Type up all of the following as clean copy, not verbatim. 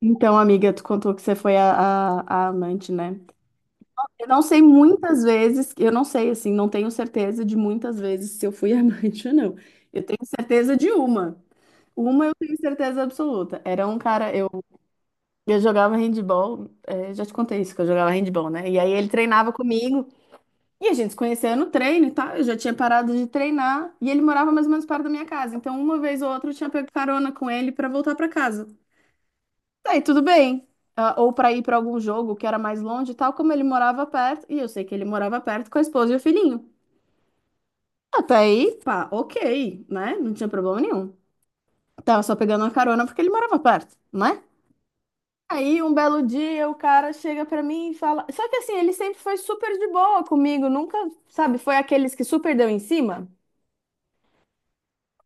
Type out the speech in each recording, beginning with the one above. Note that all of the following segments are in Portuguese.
Então, amiga, tu contou que você foi a amante, né? Eu não sei muitas vezes, eu não sei, assim, não tenho certeza de muitas vezes se eu fui amante ou não. Eu tenho certeza de uma. Uma eu tenho certeza absoluta. Era um cara, eu jogava handball, é, já te contei isso, que eu jogava handball, né? E aí ele treinava comigo, e a gente se conhecia no treino e tal, eu já tinha parado de treinar, e ele morava mais ou menos perto da minha casa. Então, uma vez ou outra eu tinha pego carona com ele pra voltar pra casa. Tá, e tudo bem. Ah, ou para ir para algum jogo que era mais longe, e tal como ele morava perto, e eu sei que ele morava perto com a esposa e o filhinho. Até aí, pá, ok, né? Não tinha problema nenhum. Tava só pegando uma carona porque ele morava perto, né? Aí um belo dia o cara chega pra mim e fala. Só que assim, ele sempre foi super de boa comigo, nunca, sabe, foi aqueles que super deu em cima.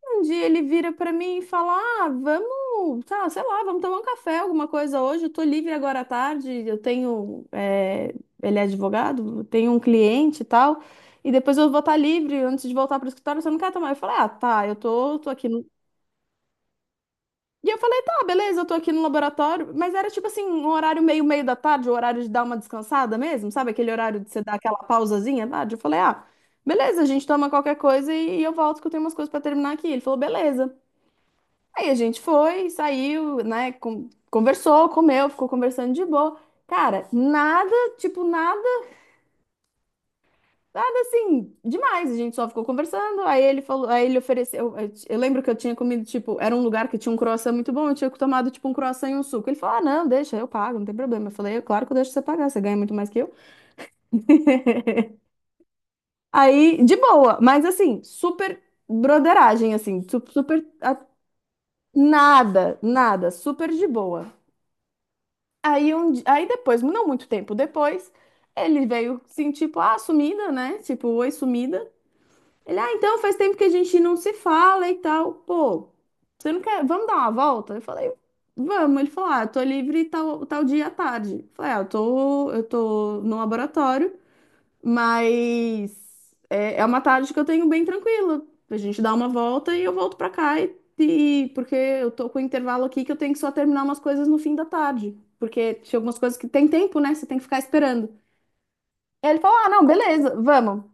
Um dia ele vira pra mim e fala: ah, vamos, tá, sei lá, vamos tomar um café, alguma coisa hoje. Eu tô livre agora à tarde. Eu Ele é advogado, eu tenho um cliente e tal. E depois eu vou estar livre antes de voltar pro escritório. Você não quer tomar? Eu falei: ah, tá, eu tô aqui no. E eu falei: tá, beleza, eu tô aqui no laboratório. Mas era tipo assim, um horário meio da tarde, o horário de dar uma descansada mesmo, sabe? Aquele horário de você dar aquela pausazinha à tarde. Eu falei: ah. Beleza, a gente toma qualquer coisa e eu volto que eu tenho umas coisas pra terminar aqui. Ele falou, beleza. Aí a gente foi, saiu, né? Conversou, comeu, ficou conversando de boa. Cara, nada, tipo, nada, nada assim, demais. A gente só ficou conversando. Aí ele falou, aí ele ofereceu. Eu lembro que eu tinha comido, tipo, era um lugar que tinha um croissant muito bom. Eu tinha tomado, tipo, um croissant e um suco. Ele falou: ah, não, deixa, eu pago, não tem problema. Eu falei: "É claro que eu deixo você pagar, você ganha muito mais que eu." Aí, de boa, mas assim, super broderagem, assim, Nada, nada, super de boa. Aí, aí depois, não muito tempo depois, ele veio assim, tipo, ah, sumida, né? Tipo, oi, sumida. Ele, ah, então faz tempo que a gente não se fala e tal. Pô, você não quer, vamos dar uma volta? Eu falei, vamos. Ele falou, ah, eu tô livre tal, tal dia à tarde. Eu falei, ah, eu tô no laboratório. Mas é uma tarde que eu tenho bem tranquila. A gente dá uma volta e eu volto pra cá porque eu tô com um intervalo aqui que eu tenho que só terminar umas coisas no fim da tarde, porque tinha algumas coisas que tem tempo, né? Você tem que ficar esperando. Aí ele falou: "Ah, não, beleza, vamos."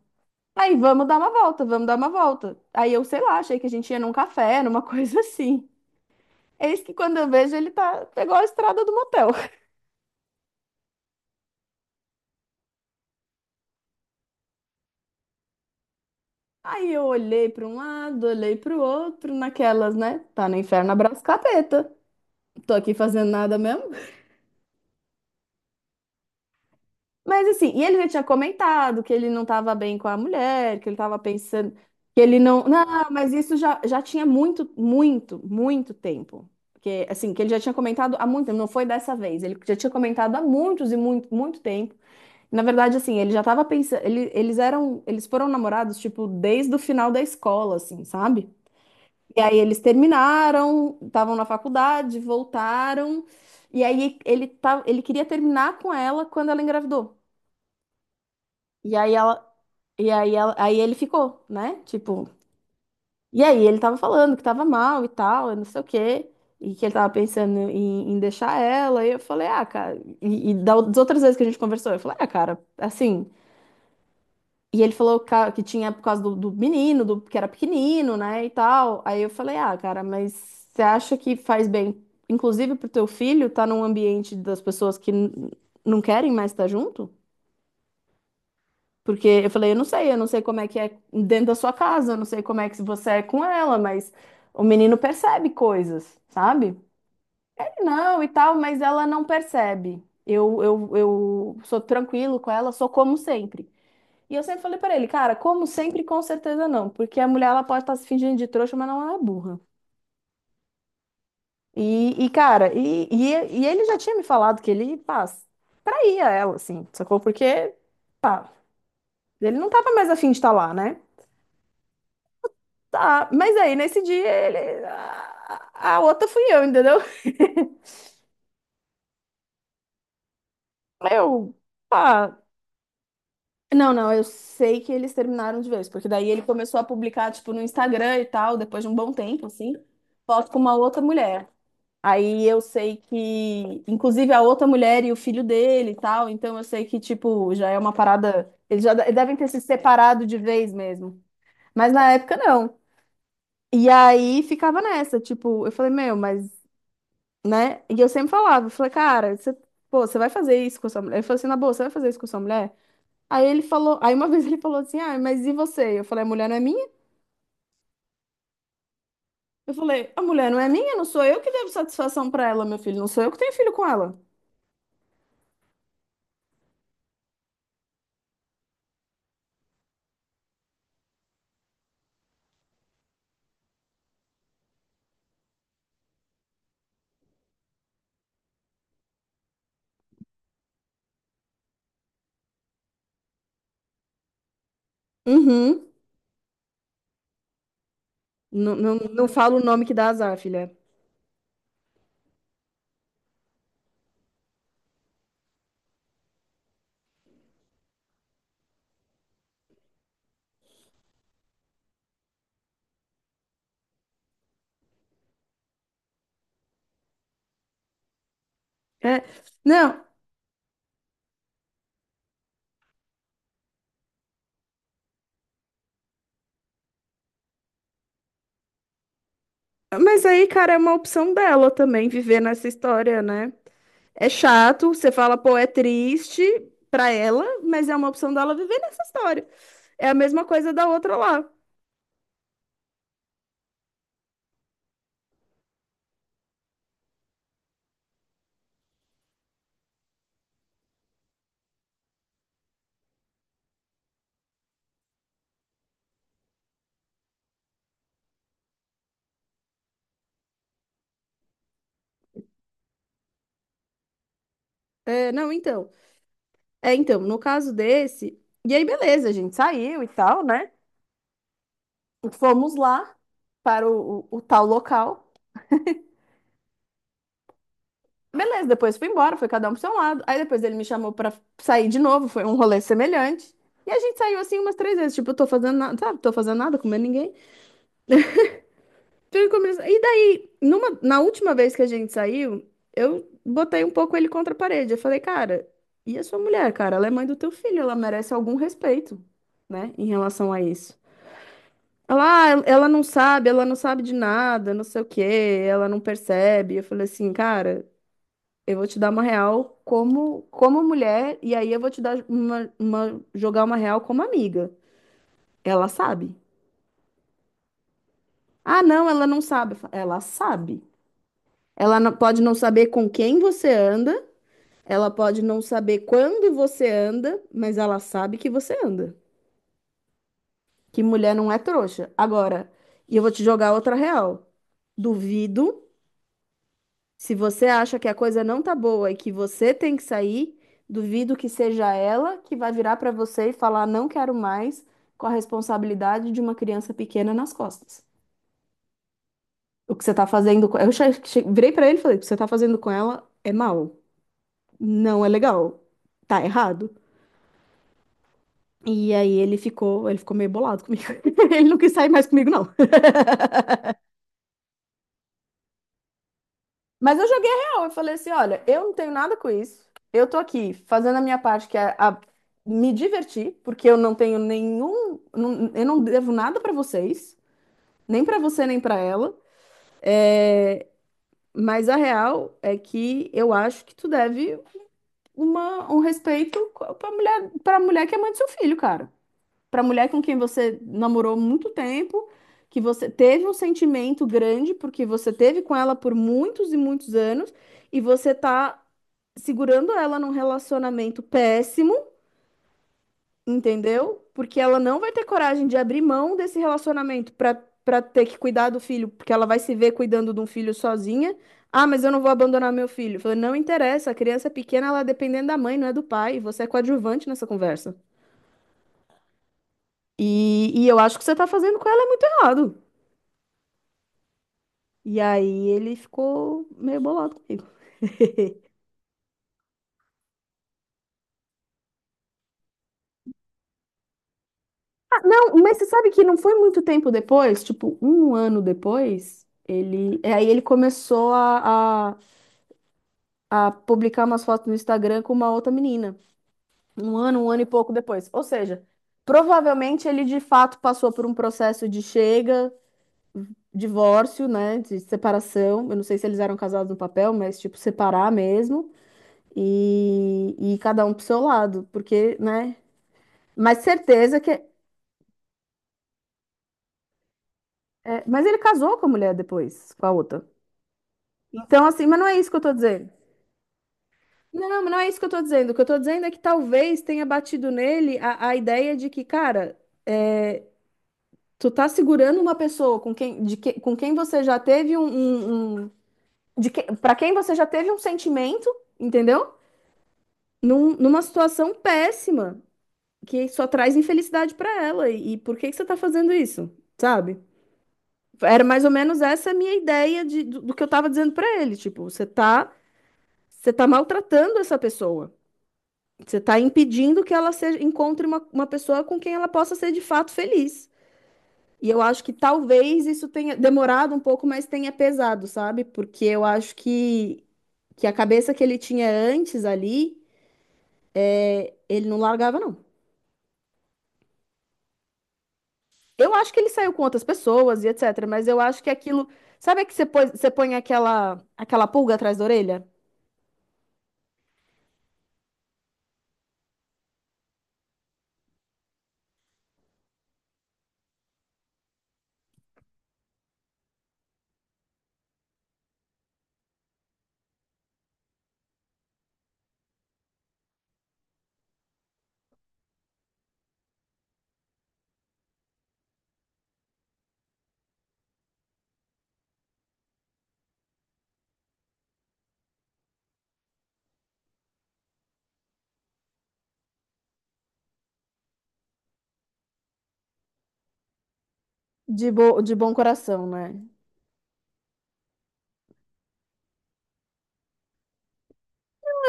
Aí vamos dar uma volta, vamos dar uma volta. Aí eu, sei lá, achei que a gente ia num café, numa coisa assim. Eis que quando eu vejo ele tá pegou a estrada do motel. Aí eu olhei para um lado, olhei para o outro, naquelas, né? Tá no inferno, abraço capeta. Tô aqui fazendo nada mesmo. Mas assim, e ele já tinha comentado que ele não tava bem com a mulher, que ele tava pensando que ele não. Não, mas isso já tinha muito, muito, muito tempo. Que, assim, que ele já tinha comentado há muito tempo, não foi dessa vez. Ele já tinha comentado há muitos e muito, muito tempo. Na verdade, assim, ele já tava pensando. Eles eram. Eles foram namorados, tipo, desde o final da escola, assim, sabe? E aí eles terminaram, estavam na faculdade, voltaram. E aí ele tá, ele queria terminar com ela quando ela engravidou. E aí ela, Aí ele ficou, né? Tipo, e aí ele tava falando que tava mal e tal, e não sei o quê, e que ele tava pensando em, em deixar ela. E eu falei: "Ah, cara, e das outras vezes que a gente conversou," eu falei: "Ah, cara, assim." E ele que tinha por causa do menino, do, que era pequenino, né, e tal. Aí eu falei, ah, cara, mas você acha que faz bem, inclusive pro teu filho, estar num ambiente das pessoas que não querem mais estar junto? Porque eu falei, eu não sei como é que é dentro da sua casa, eu não sei como é que você é com ela, mas o menino percebe coisas, sabe? Ele não e tal, mas ela não percebe. Eu sou tranquilo com ela, sou como sempre. E eu sempre falei pra ele, cara, como sempre, com certeza não, porque a mulher ela pode estar se fingindo de trouxa, mas não é burra. E, cara, ele já tinha me falado que ele, pá, saía ela, assim, sacou? Porque, pá, ele não tava mais afim de estar lá, né? Tá, mas aí nesse dia ele. A outra fui eu, entendeu? Eu, pá. Não, não, eu sei que eles terminaram de vez, porque daí ele começou a publicar, tipo, no Instagram e tal, depois de um bom tempo, assim, foto com uma outra mulher. Aí eu sei que, inclusive, a outra mulher e o filho dele e tal, então eu sei que, tipo, já é uma parada. Eles já devem ter se separado de vez mesmo. Mas na época não. E aí ficava nessa, tipo, eu falei, meu, mas, né? E eu sempre falava, eu falei, cara, você, pô, você vai fazer isso com a sua mulher? Ele falou assim, na boa, você vai fazer isso com a sua mulher? Aí ele falou, aí uma vez ele falou assim, ah, mas e você? Eu falei, a mulher não é minha? Eu falei, a mulher não é minha, não sou eu que devo satisfação pra ela, meu filho, não sou eu que tenho filho com ela. Uhum. Não, não, não fala o nome que dá azar, filha. É, não, mas aí, cara, é uma opção dela também viver nessa história, né? É chato, você fala, pô, é triste pra ela, mas é uma opção dela viver nessa história. É a mesma coisa da outra lá. É, não, então. É, então, no caso desse. E aí, beleza, a gente saiu e tal, né? Fomos lá para o tal local. Beleza, depois fui embora, foi cada um pro seu lado. Aí depois ele me chamou pra sair de novo, foi um rolê semelhante. E a gente saiu assim umas três vezes, tipo, eu tô fazendo nada, sabe? Tô fazendo nada, comendo ninguém. E daí, numa, na última vez que a gente saiu, eu botei um pouco ele contra a parede. Eu falei, cara, e a sua mulher, cara? Ela é mãe do teu filho, ela merece algum respeito, né? Em relação a isso. Ela, "ah, ela não sabe de nada, não sei o quê, ela não percebe." Eu falei assim, cara. Eu vou te dar uma real como, como mulher, e aí eu vou te dar jogar uma real como amiga. Ela sabe. Ah, não, ela não sabe. Eu falo, ela sabe. Ela não- Pode não saber com quem você anda, ela pode não saber quando você anda, mas ela sabe que você anda. Que mulher não é trouxa. Agora, e eu vou te jogar outra real. Duvido. Se você acha que a coisa não tá boa e que você tem que sair, duvido que seja ela que vai virar pra você e falar não quero mais com a responsabilidade de uma criança pequena nas costas. O que você tá fazendo com... Virei pra ele e falei, o que você tá fazendo com ela é mal, não é legal, tá errado. E aí ele ficou meio bolado comigo. Ele não quis sair mais comigo, não. Mas eu joguei real. Eu falei assim: olha, eu não tenho nada com isso. Eu tô aqui fazendo a minha parte, que é me divertir, porque eu não tenho nenhum. Eu não devo nada pra vocês, nem pra você, nem pra ela. Mas a real é que eu acho que tu deve uma, um respeito pra mulher que é mãe do seu filho, cara. Pra mulher com quem você namorou muito tempo, que você teve um sentimento grande, porque você teve com ela por muitos e muitos anos, e você tá segurando ela num relacionamento péssimo, entendeu? Porque ela não vai ter coragem de abrir mão desse relacionamento pra para ter que cuidar do filho, porque ela vai se ver cuidando de um filho sozinha. Ah, mas eu não vou abandonar meu filho. Eu falei, não interessa, a criança é pequena, ela é dependendo da mãe, não é do pai. Você é coadjuvante nessa conversa. E eu acho que você tá fazendo com ela é muito errado. E aí ele ficou meio bolado comigo. Não, mas você sabe que não foi muito tempo depois, tipo, um ano depois, Aí ele começou a publicar umas fotos no Instagram com uma outra menina. Um ano e pouco depois. Ou seja, provavelmente ele de fato passou por um processo de chega, divórcio, né? De separação. Eu não sei se eles eram casados no papel, mas tipo, separar mesmo. E cada um pro seu lado, porque, né? Mas certeza que. É, mas ele casou com a mulher depois, com a outra. Então, assim, mas não é isso que eu tô dizendo. Não, mas não é isso que eu tô dizendo. O que eu tô dizendo é que talvez tenha batido nele a ideia de que, cara, é, tu tá segurando uma pessoa com quem você já teve para quem você já teve um sentimento, entendeu? Numa situação péssima, que só traz infelicidade pra ela. E por que que você tá fazendo isso? Sabe? Era mais ou menos essa a minha ideia do que eu tava dizendo pra ele. Tipo, você tá maltratando essa pessoa. Você está impedindo que ela seja- encontre uma pessoa com quem ela possa ser de fato feliz. E eu acho que talvez isso tenha demorado um pouco, mas tenha pesado, sabe? Porque eu acho que a cabeça que ele tinha antes ali, ele não largava, não. Eu acho que ele saiu com outras pessoas e etc. Mas eu acho que aquilo. Sabe que você põe aquela pulga atrás da orelha? De bom coração, né?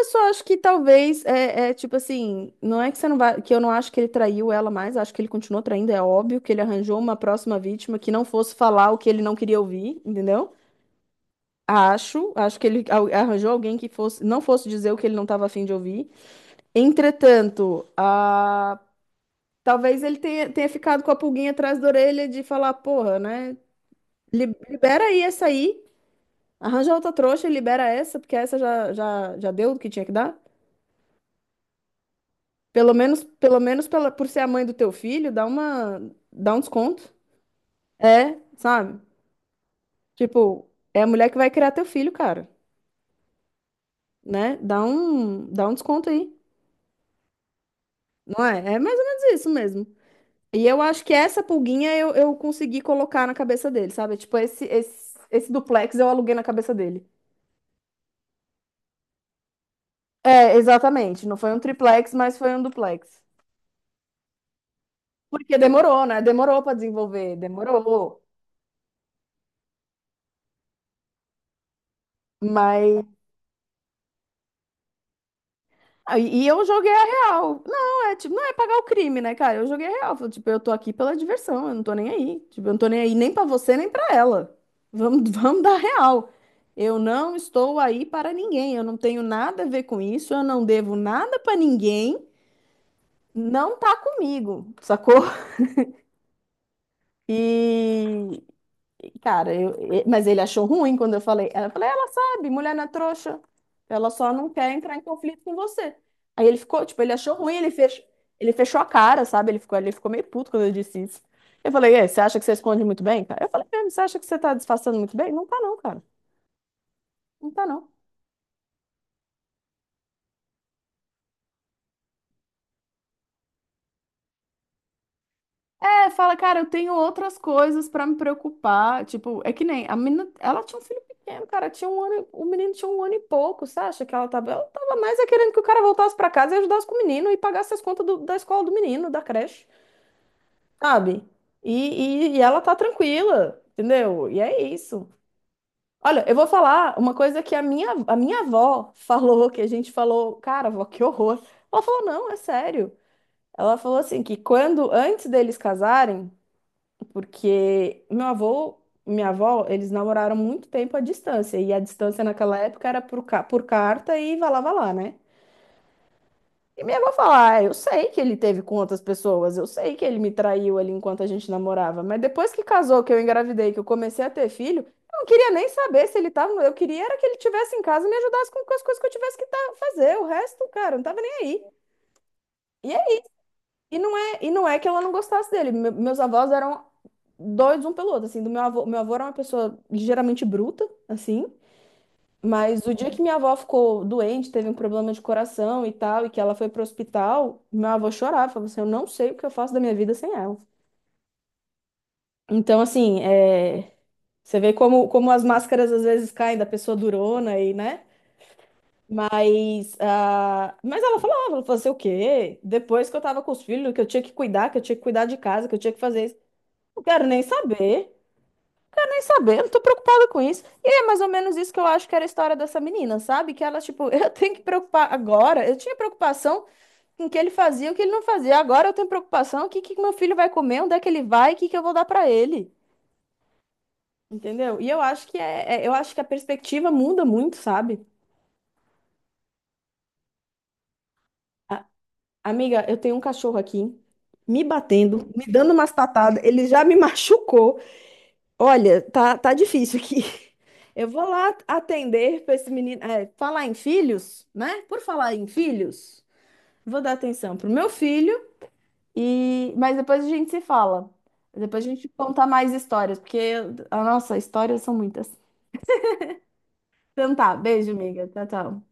Eu só acho que talvez tipo assim, não é que você não vai, que eu não acho que ele traiu ela mais, acho que ele continuou traindo, é óbvio que ele arranjou uma próxima vítima que não fosse falar o que ele não queria ouvir, entendeu? Acho que arranjou alguém que fosse, não fosse dizer o que ele não estava afim de ouvir. Entretanto, talvez tenha ficado com a pulguinha atrás da orelha de falar, porra, né? Libera aí essa aí, arranja outra trouxa e libera essa, porque essa já deu o que tinha que dar. Pelo menos por ser a mãe do teu filho, dá um desconto. É, sabe? Tipo, é a mulher que vai criar teu filho, cara, né? Dá um desconto aí, não é? É mais ou menos isso mesmo. E eu acho que essa pulguinha eu consegui colocar na cabeça dele, sabe? Tipo, esse duplex eu aluguei na cabeça dele. É, exatamente. Não foi um triplex, mas foi um duplex. Porque demorou, né? Demorou pra desenvolver, demorou. Mas E eu joguei a real. Não, é tipo, não é pagar o crime, né, cara? Eu joguei a real. Falei, tipo, eu tô aqui pela diversão, eu não tô nem aí. Tipo, eu não tô nem aí nem pra você, nem pra ela. Vamos, vamos dar real. Eu não estou aí para ninguém. Eu não tenho nada a ver com isso. Eu não devo nada pra ninguém. Não tá comigo, sacou? E mas ele achou ruim quando eu falei. Ela falou, ela sabe, mulher não é trouxa. Ela só não quer entrar em conflito com você. Aí ele ficou, tipo, ele achou ruim, ele fechou a cara, sabe? Ele ficou meio puto quando eu disse isso. Eu falei, e, aí, você acha que você esconde muito bem, cara? Eu falei, mesmo, você acha que você tá disfarçando muito bem? Não tá não, cara. Não tá não. É, fala, cara, eu tenho outras coisas pra me preocupar. Tipo, é que nem a menina, ela tinha um filho pequeno, cara, tinha um ano, o menino tinha um ano e pouco, você acha que ela tava mais é querendo que o cara voltasse pra casa e ajudasse com o menino e pagasse as contas da escola do menino, da creche, sabe? E ela tá tranquila, entendeu? E é isso. Olha, eu vou falar uma coisa que a minha avó falou, que a gente falou, cara, avó, que horror. Ela falou, não, é sério. Ela falou assim que quando antes deles casarem porque meu avô, minha avó, eles namoraram muito tempo à distância. E a distância naquela época era por carta e vai lá, né? E minha avó fala: ah, eu sei que ele teve com outras pessoas, eu sei que ele me traiu ali enquanto a gente namorava. Mas depois que casou, que eu engravidei, que eu comecei a ter filho, eu não queria nem saber se ele tava. Eu queria era que ele tivesse em casa e me ajudasse com as coisas que eu tivesse fazer. O resto, cara, eu não tava nem aí. E E não é, e não é que ela não gostasse dele. Meus avós eram doidos um pelo outro, assim, do meu avô era uma pessoa ligeiramente bruta, assim, mas o dia que minha avó ficou doente, teve um problema de coração e tal, e que ela foi pro hospital, meu avô chorava, falava assim, eu não sei o que eu faço da minha vida sem ela. Então, assim, é, você vê como, como as máscaras às vezes caem da pessoa durona aí né? Mas, ah, ela falou, fazer o quê? Depois que eu tava com os filhos, que eu tinha que cuidar, que eu tinha que cuidar de casa, que eu tinha que fazer isso. Não quero nem saber. Quero nem saber, eu não tô preocupada com isso. E é mais ou menos isso que eu acho que era a história dessa menina, sabe? Que ela, tipo, eu tenho que preocupar agora. Eu tinha preocupação com o que ele fazia, o que ele não fazia. Agora eu tenho preocupação, o que que meu filho vai comer, onde é que ele vai, o que que eu vou dar pra ele. Entendeu? E eu acho que eu acho que a perspectiva muda muito, sabe? A- Amiga, eu tenho um cachorro aqui me batendo, me dando umas patadas, ele já me machucou. Olha, tá difícil aqui. Eu vou lá atender para esse menino. É, falar em filhos, né? Por falar em filhos, vou dar atenção pro meu filho e mas depois a gente se fala. Depois a gente conta mais histórias, a nossa, histórias são muitas. Então tá, beijo, amiga. Tchau, tchau.